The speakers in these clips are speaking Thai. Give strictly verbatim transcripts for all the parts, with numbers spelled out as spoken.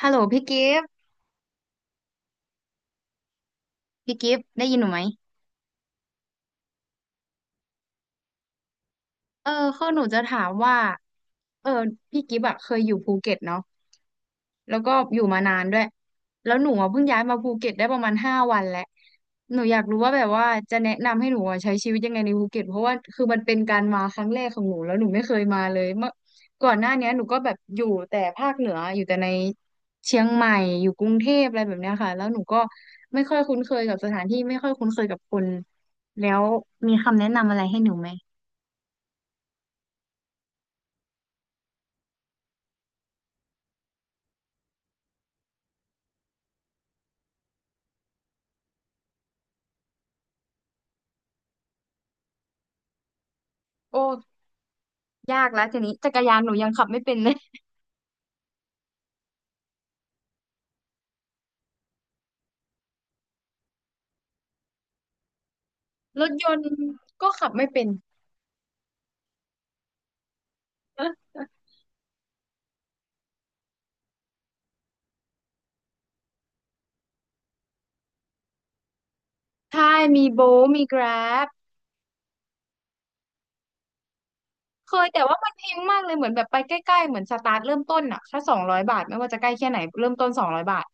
ฮัลโหลพี่กิฟต์พี่กิฟต์ได้ยินหนูไหม เออคือหนูจะถามว่าเออพี่กิฟต์อะเคยอยู่ภูเก็ตเนาะแล้วก็อยู่มานานด้วยแล้วหนูอะเพิ่งย้ายมาภูเก็ตได้ประมาณห้าวันแหละหนูอยากรู้ว่าแบบว่าจะแนะนำให้หนูอะใช้ชีวิตยังไงในภูเก็ตเพราะว่าคือมันเป็นการมาครั้งแรกของหนูแล้วหนูไม่เคยมาเลยเมื่อก่อนหน้าเนี้ยหนูก็แบบอยู่แต่ภาคเหนืออยู่แต่ในเชียงใหม่อยู่กรุงเทพอะไรแบบเนี้ยค่ะแล้วหนูก็ไม่ค่อยคุ้นเคยกับสถานที่ไม่ค่อยคุ้นเคยกับคนแล้วมีคำแนะนำอะไรให้หนูไหมโอ้ ยากแล้วทีนี้จักรยานหนูยังขับไม่เป็นเลย รถยนต์ก็ขับไม่เป็นใช่มีโบทมีแกร็บเคยแต่ว่ามันแพงมากเลยเหมือนแบบไปใกล้ๆเหมือนสตาร์ทเริ่มต้นอะแค่สองร้อยบาทไม่ว่าจะใกล้แค่ไหนเริ่มต้นสองร้อยบาท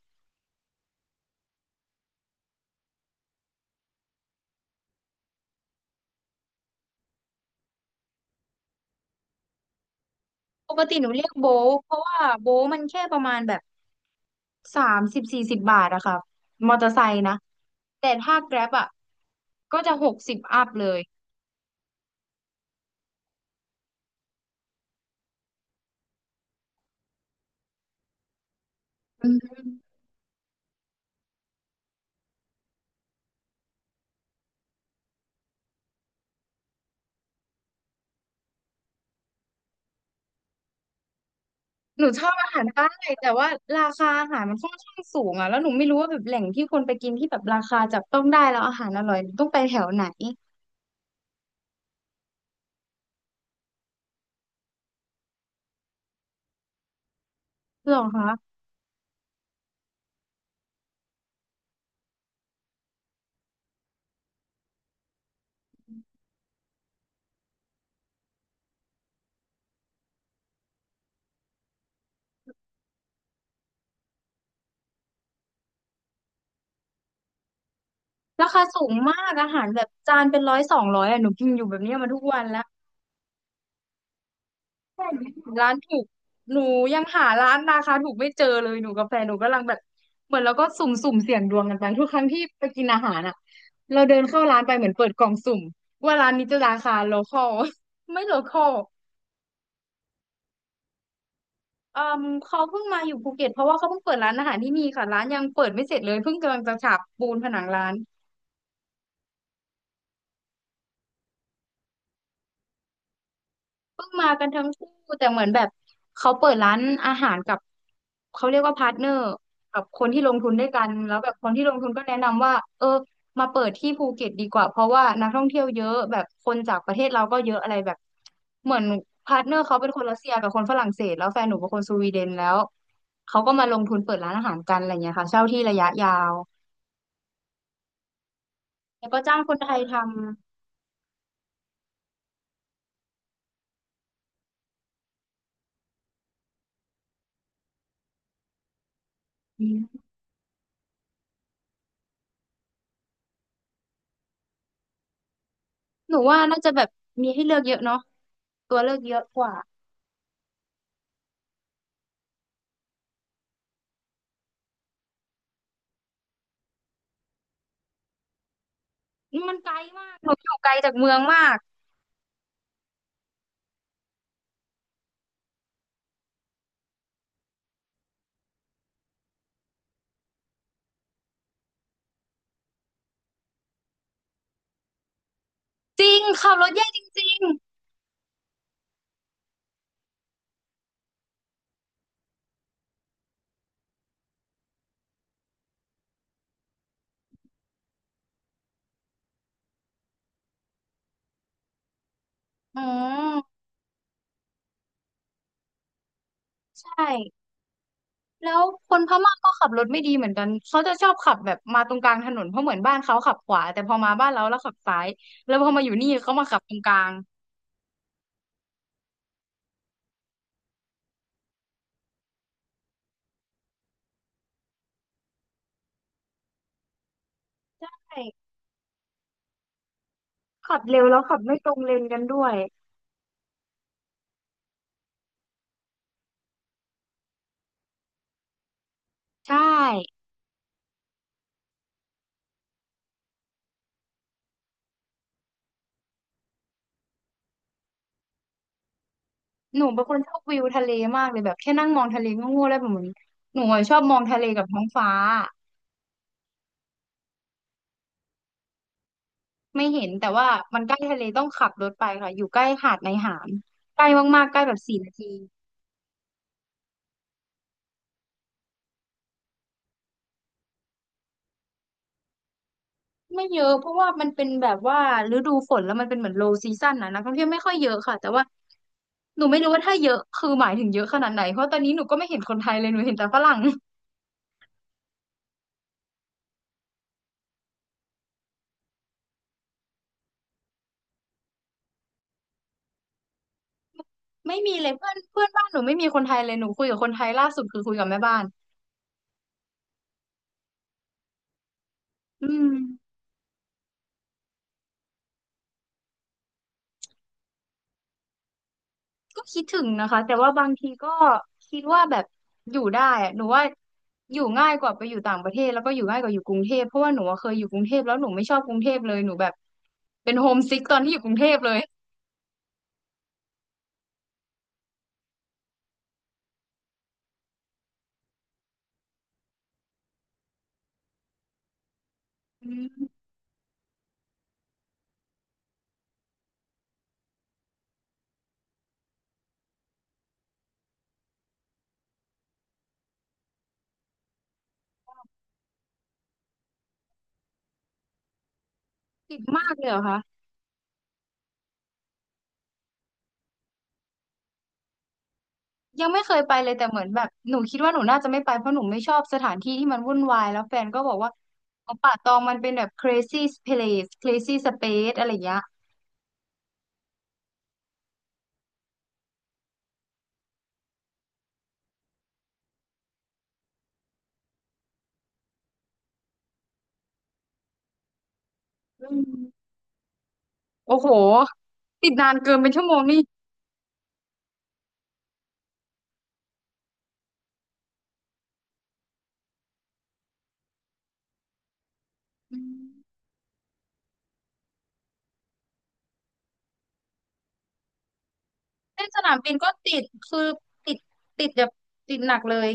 ปกติหนูเรียกโบทเพราะว่าโบทมันแค่ประมาณแบบสามสิบสี่สิบบาทอะค่ะมอเตอร์ไซค์นะแต่ถ้าแกร็บอะก็จะหกสิบอัพเลยอืม หนูชอบอาหารใต้แต่ว่าราคาอาหารมันค่อนข้างสูงอ่ะแล้วหนูไม่รู้ว่าแบบแหล่งที่คนไปกินที่แบบราคาจับต้องได้แล้วอาหารอร่อยหนูต้องไปแถวไหนหรอคะราคาสูงมากอาหารแบบจานเป็นร้อยสองร้อยอ่ะหนูกินอยู่แบบเนี้ยมาทุกวันแล้วร้านถูกหนูยังหาร้านราคาถูกไม่เจอเลยหนูกับแฟนหนูกำลังแบบเหมือนเราก็สุ่มสุ่มเสี่ยงดวงกันไปทุกครั้งที่ไปกินอาหารอ่ะเราเดินเข้าร้านไปเหมือนเปิดกล่องสุ่มว่าร้านนี้จะราคาโลคอล ไม่โลคอล เอ่มเขาเพิ่งมาอยู่ภูเก็ตเพราะว่าเขาเพิ่งเปิดร้านอาหารที่นี่ค่ะร้านยังเปิดไม่เสร็จเลยเพิ่งกำลังจะฉาบปูนผนังร้านเพิ่งมากันทั้งคู่แต่เหมือนแบบเขาเปิดร้านอาหารกับเขาเรียกว่าพาร์ทเนอร์กับคนที่ลงทุนด้วยกันแล้วแบบคนที่ลงทุนก็แนะนำว่าเออมาเปิดที่ภูเก็ตดีกว่าเพราะว่านักท่องเที่ยวเยอะแบบคนจากประเทศเราก็เยอะอะไรแบบเหมือนพาร์ทเนอร์เขาเป็นคนรัสเซียกับคนฝรั่งเศสแล้วแฟนหนูเป็นคนสวีเดนแล้วเขาก็มาลงทุนเปิดร้านอาหารกันอะไรเงี้ยค่ะเช่าที่ระยะยาว แล้วก็จ้างคนไทยทำอืมหนูว่าน่าจะแบบมีให้เลือกเยอะเนาะตัวเลือกเยอะกว่าอืมมันไกลมากหนูอยู่ไกลจากเมืองมาก จริง ขับรถแย่จริงๆอืมใช่ แล้วคนพม่าก็ขับรถไม่ดีเหมือนกัน เขาจะชอบขับแบบมาตรงกลางถนนเพราะเหมือนบ้านเขาขับขวาแต่พอมาบ้านเราแล้วขับซ้ายแล้วพอมาอยู่นี่เขามาขับตรงกลางใช่ขับเร็วแล้วขับไม่ตรงเลนกันด้วยใช่ หนูเป็นคนชอบวิวทะเลมากเลยแบบแค่นั่งมองทะเลก็ง่วงแล้วแบบเหมือนหนูอะชอบมองทะเลกับท้องฟ้าไม่เห็นแต่ว่ามันใกล้ทะเลต้องขับรถไปค่ะอยู่ใกล้หาดในหามใกล้มากๆใกล้แบบสี่นาทีไม่เยอะเพราะว่ามันเป็นแบบว่าฤดูฝนแล้วมันเป็นเหมือน low season นะนักท่องเที่ยวไม่ค่อยเยอะค่ะแต่ว่าหนูไม่รู้ว่าถ้าเยอะคือหมายถึงเยอะขนาดไหนเพราะตอนนี้หนูก็ไม่เห็นคนไทยเลยหนูเห็นแต่ฝรั่ง ไม่มีเลยเพื่อนเพื่อนบ้านหนูไม่มีคนไทยเลยหนูคุยกับคนไทยล่าสุดคือคุยกับแม่บ้านอืม ก็คิดถึงนะคะแต่ว่าบางทีก็คิดว่าแบบอยู่ได้อะหนูว่าอยู่ง่ายกว่าไปอยู่ต่างประเทศแล้วก็อยู่ง่ายกว่าอยู่กรุงเทพเพราะว่าหนูอะเคยอยู่กรุงเทพแล้วหนูไม่ชอบกรุงเทพเลยหนูแบบเป็นโฮมซิกตอนที่อยู่กรุงเทพเลยอืมติดมากเลยเหรอคะยังไม่เคยไปเลยแต่เหมือนแบบหนูคิดว่าหนูน่าจะไม่ไปเพราะหนูไม่ชอบสถานที่ที่มันวุ่นวายแล้วแฟนก็บอกว่าของป่าตองมันเป็นแบบ crazy place crazy space อะไรอย่างเงี้ยอืมโอ้โหติดนานเกินเป็นชั่วโมงนี่อืม เส้นสนามบินก็ติดคือติดติดแบบติดหนักเลย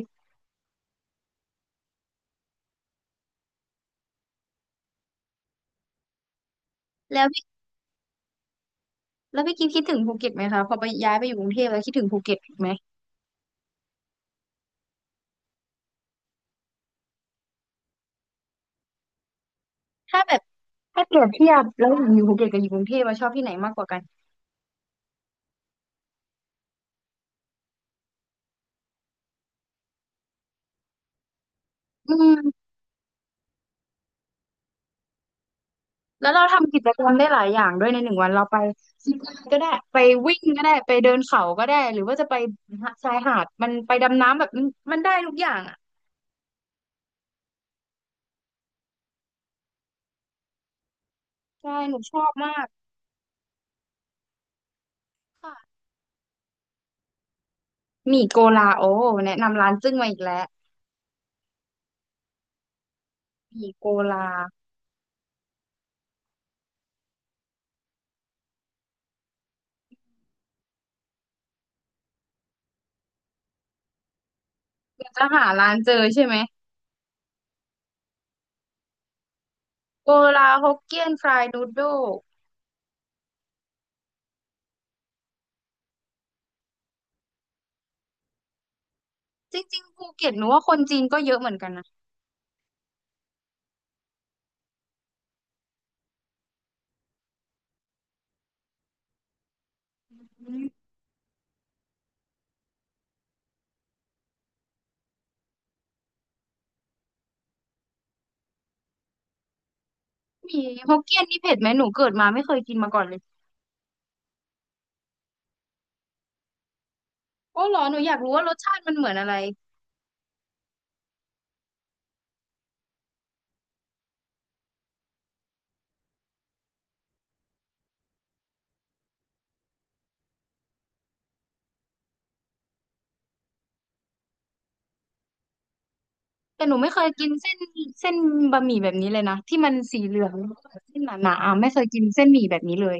แล้วพี่แล้วพี่กิฟคิดถึงภูเก็ตไหมคะพอไปย้ายไปอยู่กรุงเทพแล้วคิดถึงภูเก็ตไหมถ้าแบบถ้าเปรียบเทียบแล้วอยู่ภูเก็ตกับอยู่กรุงเทพเราชอบที่ไหนมากกว่ากันอืมแล้วเราทำกิจกรรมได้หลายอย่างด้วยในหนึ่งวันเราไปซีปไลนก็ได้ ไปวิ่งก็ได้ ไปเดินเขาก็ได้ หรือว่าจะไปชายหาดมันไปดำน้ำแบบมันมันได้ทุกอย่างอ่ะใช่หนูชอบมากค่ะหมี่โกลาโอแนะนำร้านจึ้งมาอีกแล้วหมี่โกลา เดี๋ยวจะหาร้านเจอใช่ไหมโกลาฮกเกี้ยนฟรายนูดโดจริงๆภูเก็ตหนูว่าคนจีนก็เยอะเหมือนกันนะอืมมีฮกเกี้ยนนี่เผ็ดไหมหนูเกิดมาไม่เคยกินมาก่อนเลยโอ้เหรอหนูอยากรู้ว่ารสชาติมันเหมือนอะไรแต่หนูไม่เคยกินเส้นเส้นบะหมี่แบบนี้เลยนะที่มันสีเหลืองแล้วก็แบบเส้นหนาๆอ่ะไม่เคยกินเส้นหมี่แบบนี้เลย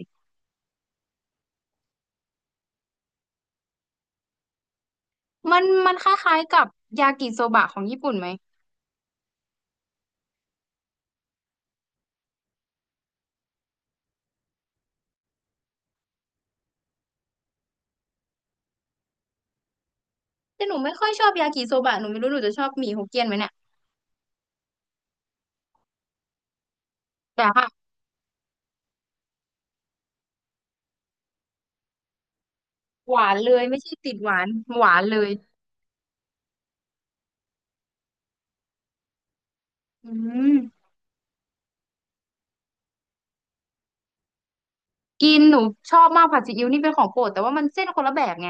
มันมันคล้ายๆกับยากิโซบะของญี่ปุ่นไหมแต่หนูไม่ค่อยชอบยากิโซบะหนูไม่รู้หนูจะชอบหมี่ฮกเกี้ยนไหมเนี่ยแต่ค่ะหวานเลยไม่ใช่ติดหวานหวานเลยอืม กินหนูชอบมากผัดซีอิ๊วนี่เป็นของโปรดแต่ว่ามันเส้นคนละแบบไง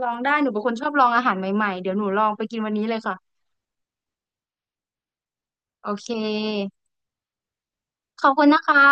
ลองได้หนูเป็นคนชอบลองอาหารใหม่ๆเดี๋ยวหนูลองไปกินวันนี้เลยค่ะโอเคขอบคุณนะคะ